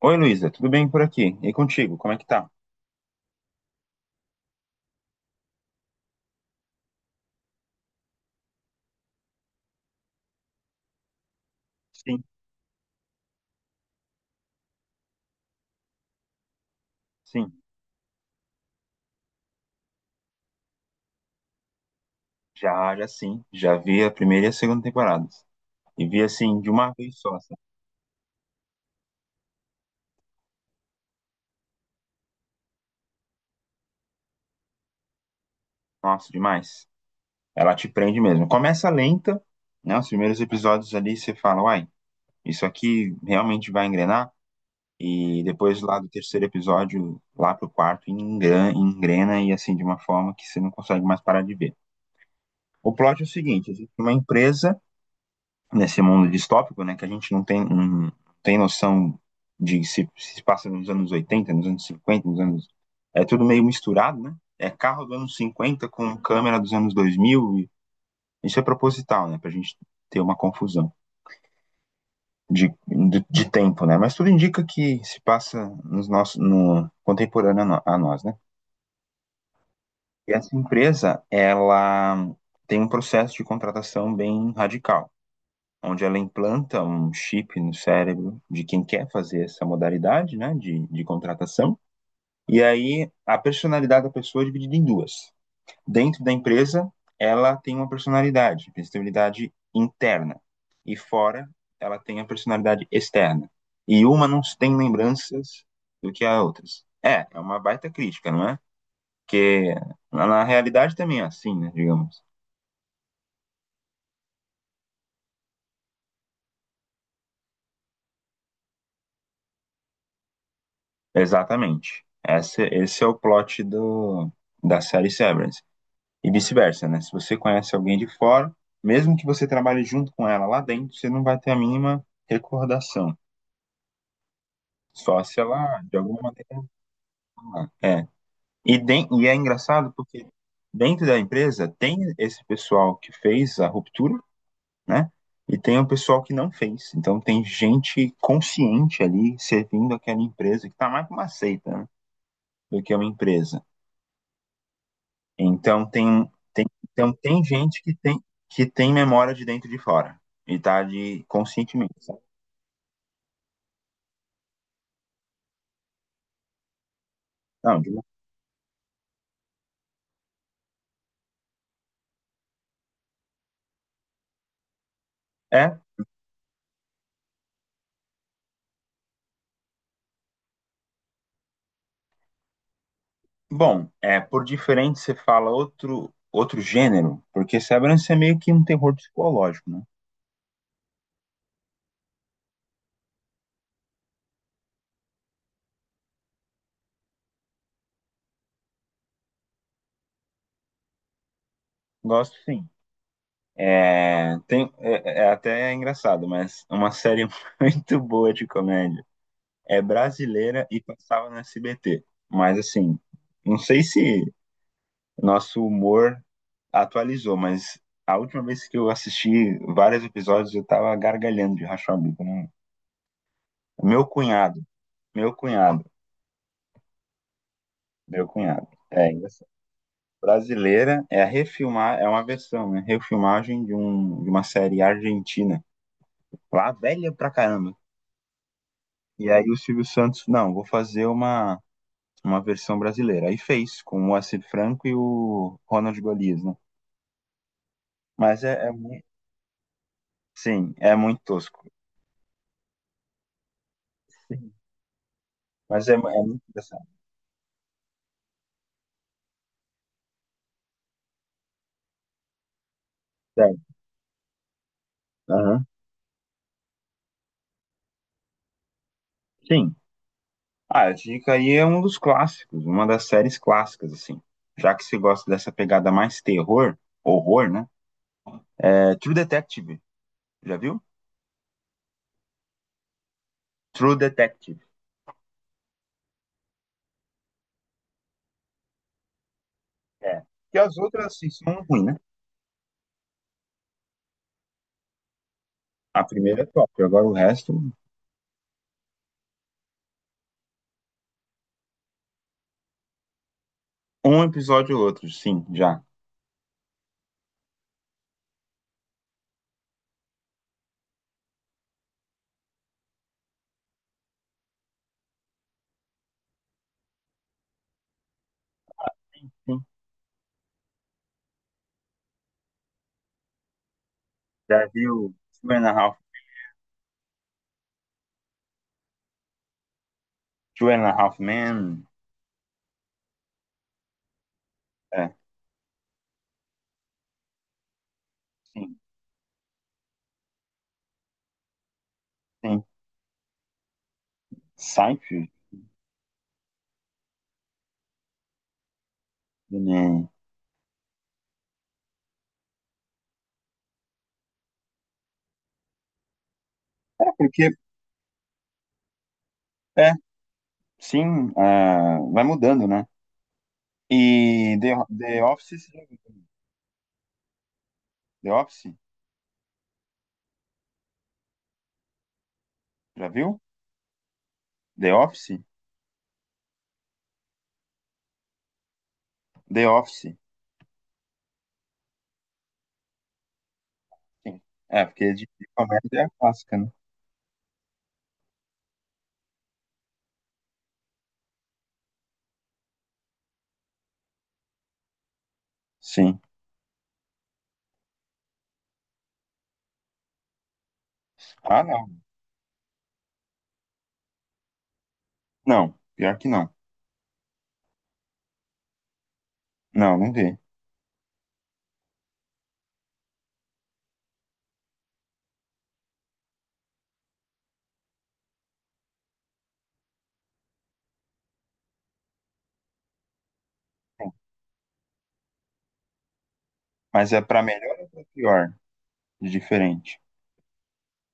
Oi, Luísa, tudo bem por aqui? E contigo, como é que tá? Sim, sim. Já, já sim. Já vi a primeira e a segunda temporadas. E vi assim, de uma vez só, assim. Nossa, demais. Ela te prende mesmo. Começa lenta, né? Os primeiros episódios ali você fala, uai, isso aqui realmente vai engrenar? E depois lá do terceiro episódio, lá pro quarto, engrena, engrena e assim, de uma forma que você não consegue mais parar de ver. O plot é o seguinte, existe uma empresa nesse mundo distópico, né, que a gente não tem, não tem noção de se passa nos anos 80, nos anos 50, nos anos... É tudo meio misturado, né? É carro dos anos 50 com câmera dos anos 2000, e isso é proposital, né, pra gente ter uma confusão de tempo, né? Mas tudo indica que se passa nos nossos, no contemporâneo a nós, né? E essa empresa, ela tem um processo de contratação bem radical, onde ela implanta um chip no cérebro de quem quer fazer essa modalidade, né, de contratação. E aí a personalidade da pessoa é dividida em duas. Dentro da empresa, ela tem uma personalidade interna, e fora ela tem a personalidade externa. E uma não tem lembranças do que a outras. É uma baita crítica, não é? Porque na realidade também é assim, né, digamos. Exatamente. Esse é o plot da série Severance. E vice-versa, né? Se você conhece alguém de fora, mesmo que você trabalhe junto com ela lá dentro, você não vai ter a mínima recordação. Só se ela, de alguma maneira. É. E é engraçado porque dentro da empresa tem esse pessoal que fez a ruptura, né? E tem o pessoal que não fez. Então tem gente consciente ali servindo aquela empresa que tá mais pra uma seita, né? Do que uma empresa. Então tem gente que tem memória de dentro e de fora. E tá de conscientemente, sabe? Não, de- é bom, é, por diferente você fala outro gênero, porque Severance é meio que um terror psicológico, né? Gosto sim. É até engraçado, mas é uma série muito boa de comédia. É brasileira e passava no SBT. Mas assim, não sei se nosso humor atualizou, mas a última vez que eu assisti vários episódios, eu tava gargalhando de rachar o bico, né? Meu cunhado, meu cunhado, meu cunhado. É, é engraçado. Brasileira é a refilmar, é uma versão, né? Refilmagem de, um, de uma série argentina, lá velha pra caramba. E aí o Silvio Santos, não, vou fazer uma versão brasileira. Aí fez, com o Moacir Franco e o Ronald Golias, né? Mas sim, é muito tosco. Sim. Mas é muito engraçado. Sério. Aham. Sim, ah, dica aí é um dos clássicos, uma das séries clássicas, assim. Já que você gosta dessa pegada mais terror, horror, né? É True Detective, já viu? True Detective. É. E as outras, assim, são ruins, né? A primeira é top, agora o resto, um episódio ou outro, sim, já. Sim. Já viu Two and a Half, Two and a Half Men? É, sim, sim. Seinfeld? Né? É, porque, é, sim, ah, vai mudando, né? E The Office, sim. The Office? Já viu? The Office? The Office. Sim. É, porque de comédia é a clássica, né? Sim. Ah, não. Não, pior que não. Não, não vi. Sim. Mas é pra melhor ou pra pior de diferente?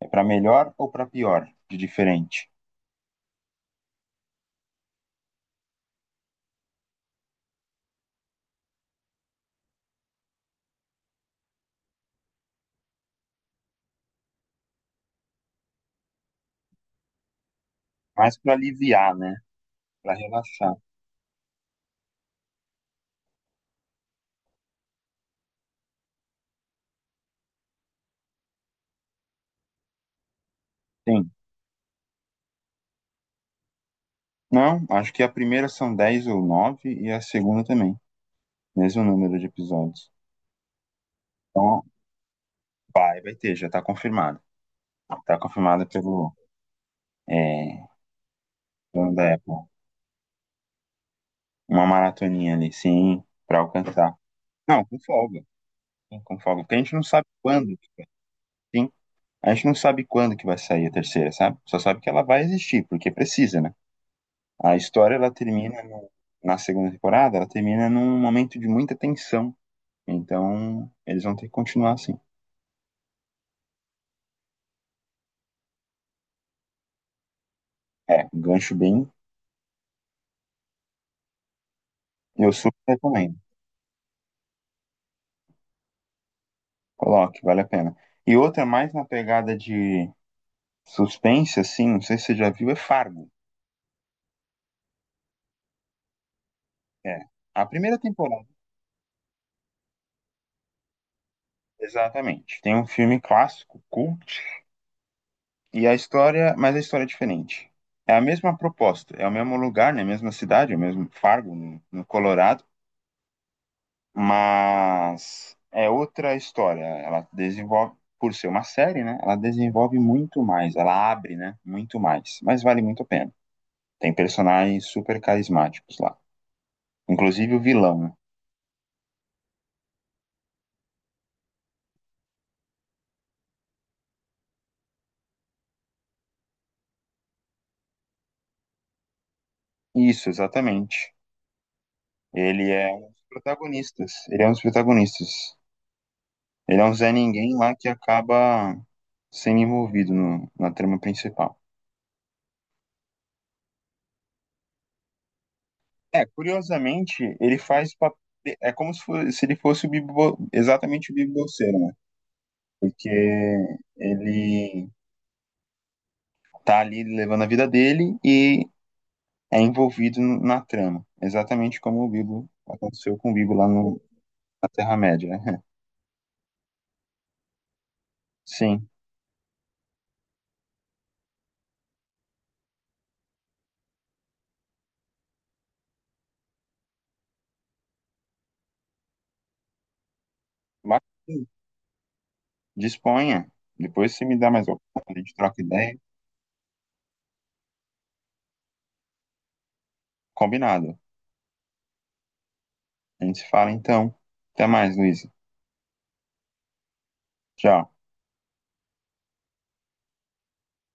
É pra melhor ou pra pior de diferente? Mais pra aliviar, né? Pra relaxar. Sim. Não, acho que a primeira são 10 ou 9 e a segunda também. Mesmo número de episódios. Então, vai ter, já tá confirmado. Tá confirmada pelo, é, dono da Apple. Uma maratoninha ali, sim, pra alcançar. Não, com folga. Sim, com folga. Porque a gente não sabe quando, sim. A gente não sabe quando que vai sair a terceira, sabe? Só sabe que ela vai existir, porque precisa, né? A história, ela termina na segunda temporada, ela termina num momento de muita tensão. Então, eles vão ter que continuar assim. É, um gancho bem. Eu super recomendo. Coloque, vale a pena. E outra mais na pegada de suspense, assim, não sei se você já viu, é Fargo. É. A primeira temporada. Exatamente. Tem um filme clássico, cult, e a história, mas a história é diferente. É a mesma proposta, é o mesmo lugar, né? Mesma cidade, é o mesmo Fargo, no, no Colorado, mas é outra história. Ela desenvolve, por ser uma série, né? Ela desenvolve muito mais, ela abre, né? Muito mais, mas vale muito a pena. Tem personagens super carismáticos lá, inclusive o vilão, né? Isso, exatamente. Ele é um dos protagonistas. Ele é um dos protagonistas. Ele é um Zé Ninguém lá que acaba sendo envolvido na trama principal. É, curiosamente, é como se ele fosse o bibo, exatamente o Bibo Bolseiro, né? Porque ele tá ali levando a vida dele e é envolvido na trama, exatamente como o Bibo aconteceu com o Bibo lá na Terra-média. né? Sim, mas sim, disponha. Depois você me dá mais opção, a gente troca ideia. Combinado. A gente se fala então. Até mais, Luiz. Tchau.